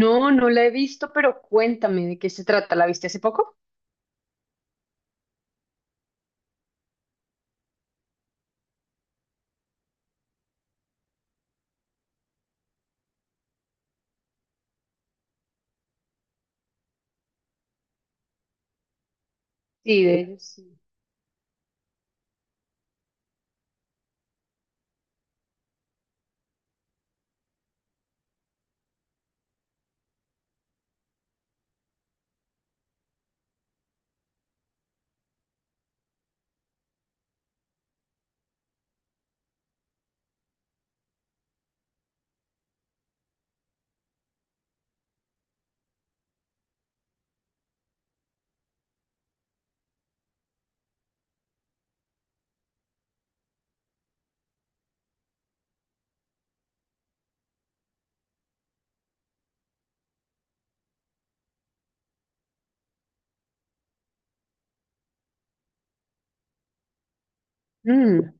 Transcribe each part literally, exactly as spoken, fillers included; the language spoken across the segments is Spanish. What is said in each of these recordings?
No, no la he visto, pero cuéntame de qué se trata. ¿La viste hace poco? Sí, de ellos sí. Mm,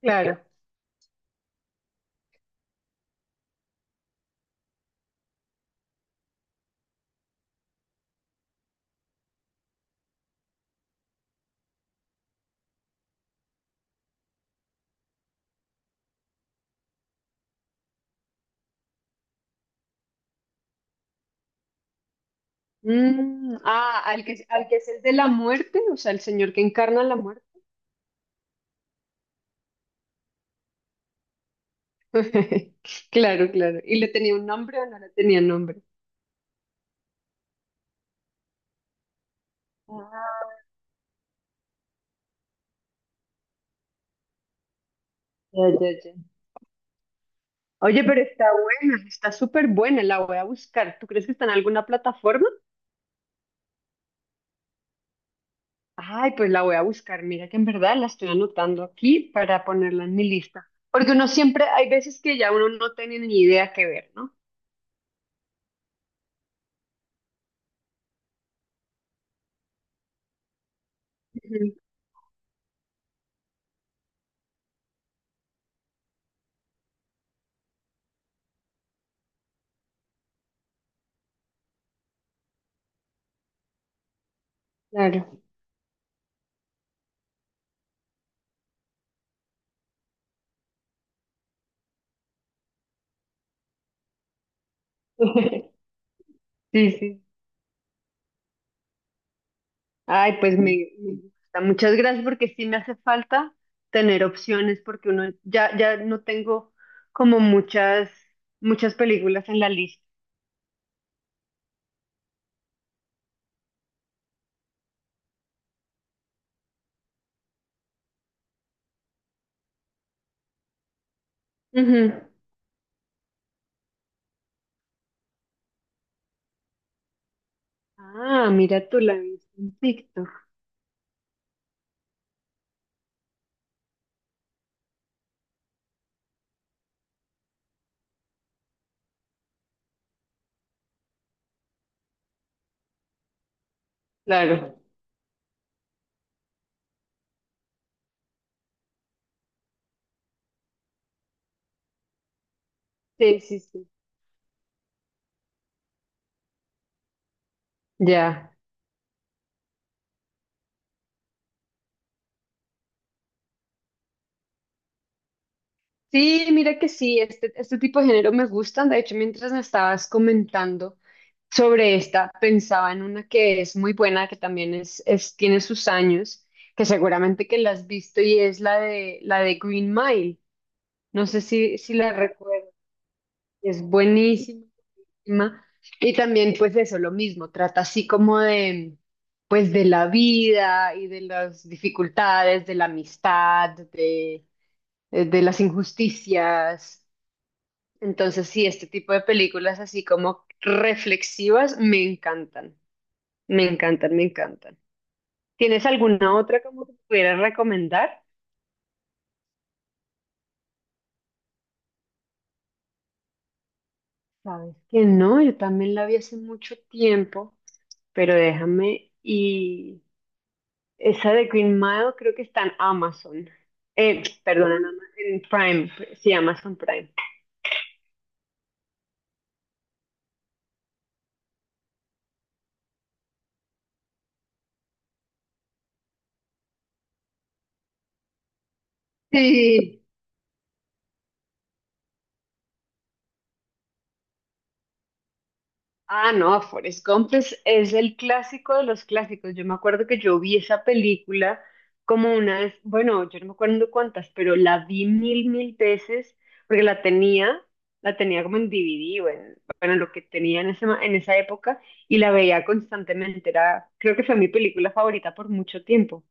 claro. Mm, ah, al que, al que es el de la muerte, o sea, el señor que encarna la muerte. Claro, claro. ¿Y le tenía un nombre o no le tenía nombre? Ah, ya, ya, ya. Oye, pero está buena, está súper buena, la voy a buscar. ¿Tú crees que está en alguna plataforma? Ay, pues la voy a buscar. Mira que en verdad la estoy anotando aquí para ponerla en mi lista. Porque uno siempre, hay veces que ya uno no tiene ni idea qué ver, ¿no? Ujú. Claro. Sí, sí. Ay, pues me, me gusta. Muchas gracias porque sí me hace falta tener opciones porque uno ya, ya no tengo como muchas, muchas películas en la lista. Ujú. Ah, mira tú la viste en TikTok. Claro. Sí, sí, sí. Ya. Sí, mira que sí, este, este tipo de género me gustan. De hecho, mientras me estabas comentando sobre esta, pensaba en una que es muy buena, que también es, es, tiene sus años, que seguramente que la has visto y es la de, la de Green Mile. No sé si, si la recuerdas, es buenísima. Y también, pues eso, lo mismo, trata así como de, pues de la vida y de las dificultades, de la amistad, de, de las injusticias, entonces, sí, este tipo de películas así como reflexivas me encantan, me encantan, me encantan. ¿Tienes alguna otra como que pudieras recomendar? Sabes que no, yo también la vi hace mucho tiempo, pero déjame y esa de Green Mile creo que está en Amazon. Eh, perdón, en Ama- en Prime, sí, Amazon Prime. Sí. Ah, no, Forrest Gump es, es el clásico de los clásicos. Yo me acuerdo que yo vi esa película como una vez, bueno, yo no me acuerdo cuántas, pero la vi mil, mil veces porque la tenía, la tenía como en D V D o en, bueno, lo que tenía en ese, ma- en esa época y la veía constantemente. Era, creo que fue mi película favorita por mucho tiempo.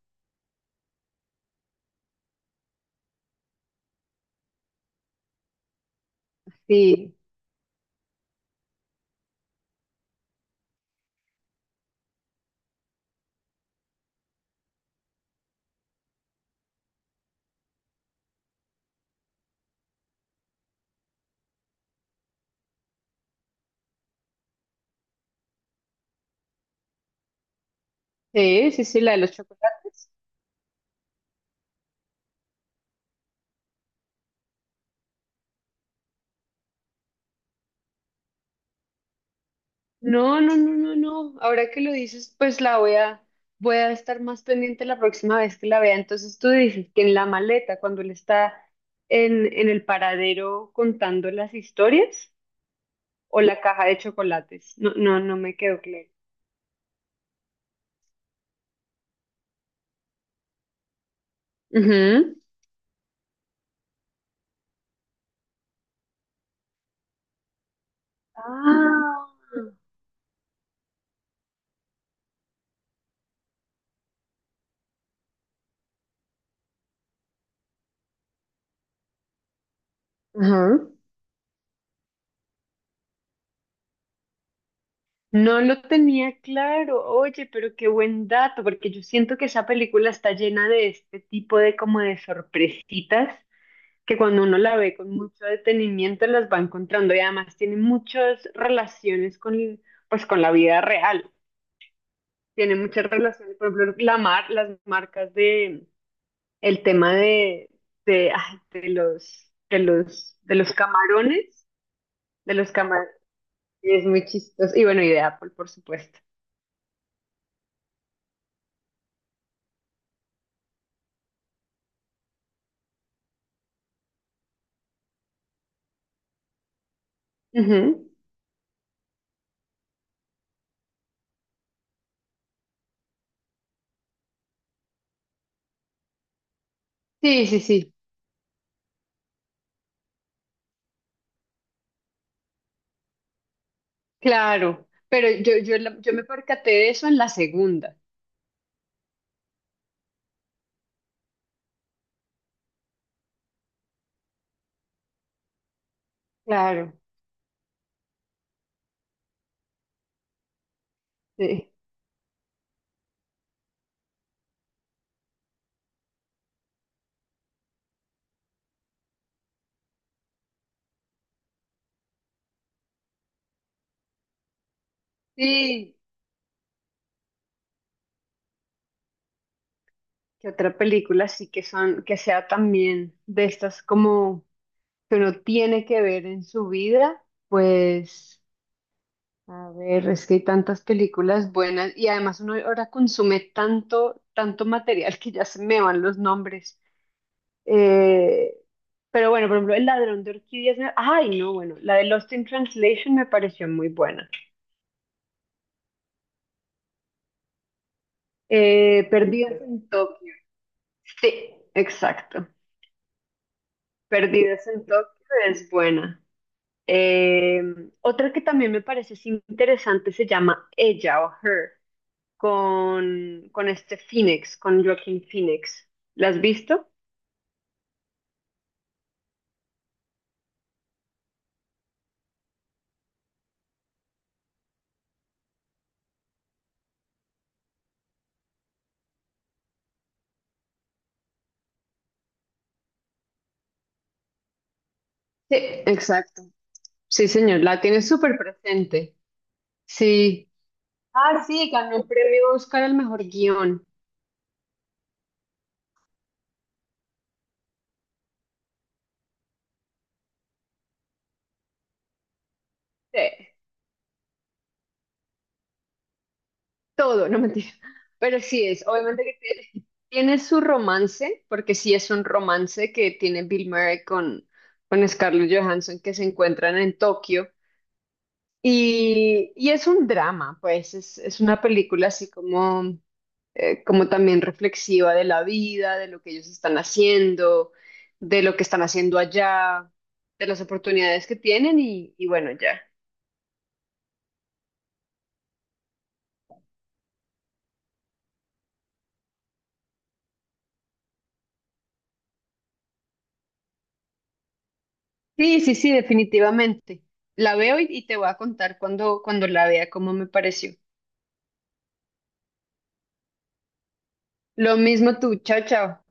Sí, sí, sí, sí, la de los chocolates. No, no, no, no, no. Ahora que lo dices, pues la voy a, voy a estar más pendiente la próxima vez que la vea. Entonces tú dices que en la maleta, cuando él está en, en el paradero contando las historias, o la caja de chocolates. No, no, no me quedó claro. Ujú. Ah. Ajá. No lo tenía claro. Oye, pero qué buen dato, porque yo siento que esa película está llena de este tipo de como de sorpresitas que cuando uno la ve con mucho detenimiento las va encontrando y además tiene muchas relaciones con, pues, con la vida real. Tiene muchas relaciones, por ejemplo, la mar, las marcas de, el tema de, de, ay, de los, de los, de los camarones, de los camarones, es muy chistoso. Y bueno, y de Apple, por supuesto. Ujú. Sí, sí, sí, claro. Pero yo, yo, la- yo me percaté de eso en la segunda. Claro, sí. Sí, que otra película sí que son, que sea también de estas como que uno tiene que ver en su vida. Pues, a ver, es que hay tantas películas buenas y además uno ahora consume tanto, tanto material que ya se me van los nombres. Eh, pero bueno, por ejemplo, El Ladrón de Orquídeas, me- ay, no, bueno, la de Lost in Translation me pareció muy buena. Eh, Perdidas en Tokio, sí, exacto. Perdidas en Tokio es buena. Eh, otra que también me parece así interesante se llama Ella o Her, con, con este Phoenix, con Joaquin Phoenix. ¿La has visto? Sí, exacto. Sí, señor, la tiene súper presente. Sí. Ah, sí, ganó el premio Oscar al mejor guión. Sí, todo, no mentira. Pero sí es, obviamente que tiene, tiene su romance, porque sí es un romance que tiene Bill Murray con, con Scarlett Johansson que se encuentran en Tokio. Y, y es un drama, pues es, es una película así como, eh, como también reflexiva de la vida, de lo que ellos están haciendo, de lo que están haciendo allá, de las oportunidades que tienen y, y bueno, ya. Sí, sí, sí, definitivamente. La veo y, y te voy a contar cuando, cuando la vea cómo me pareció. Lo mismo tú, chao, chao.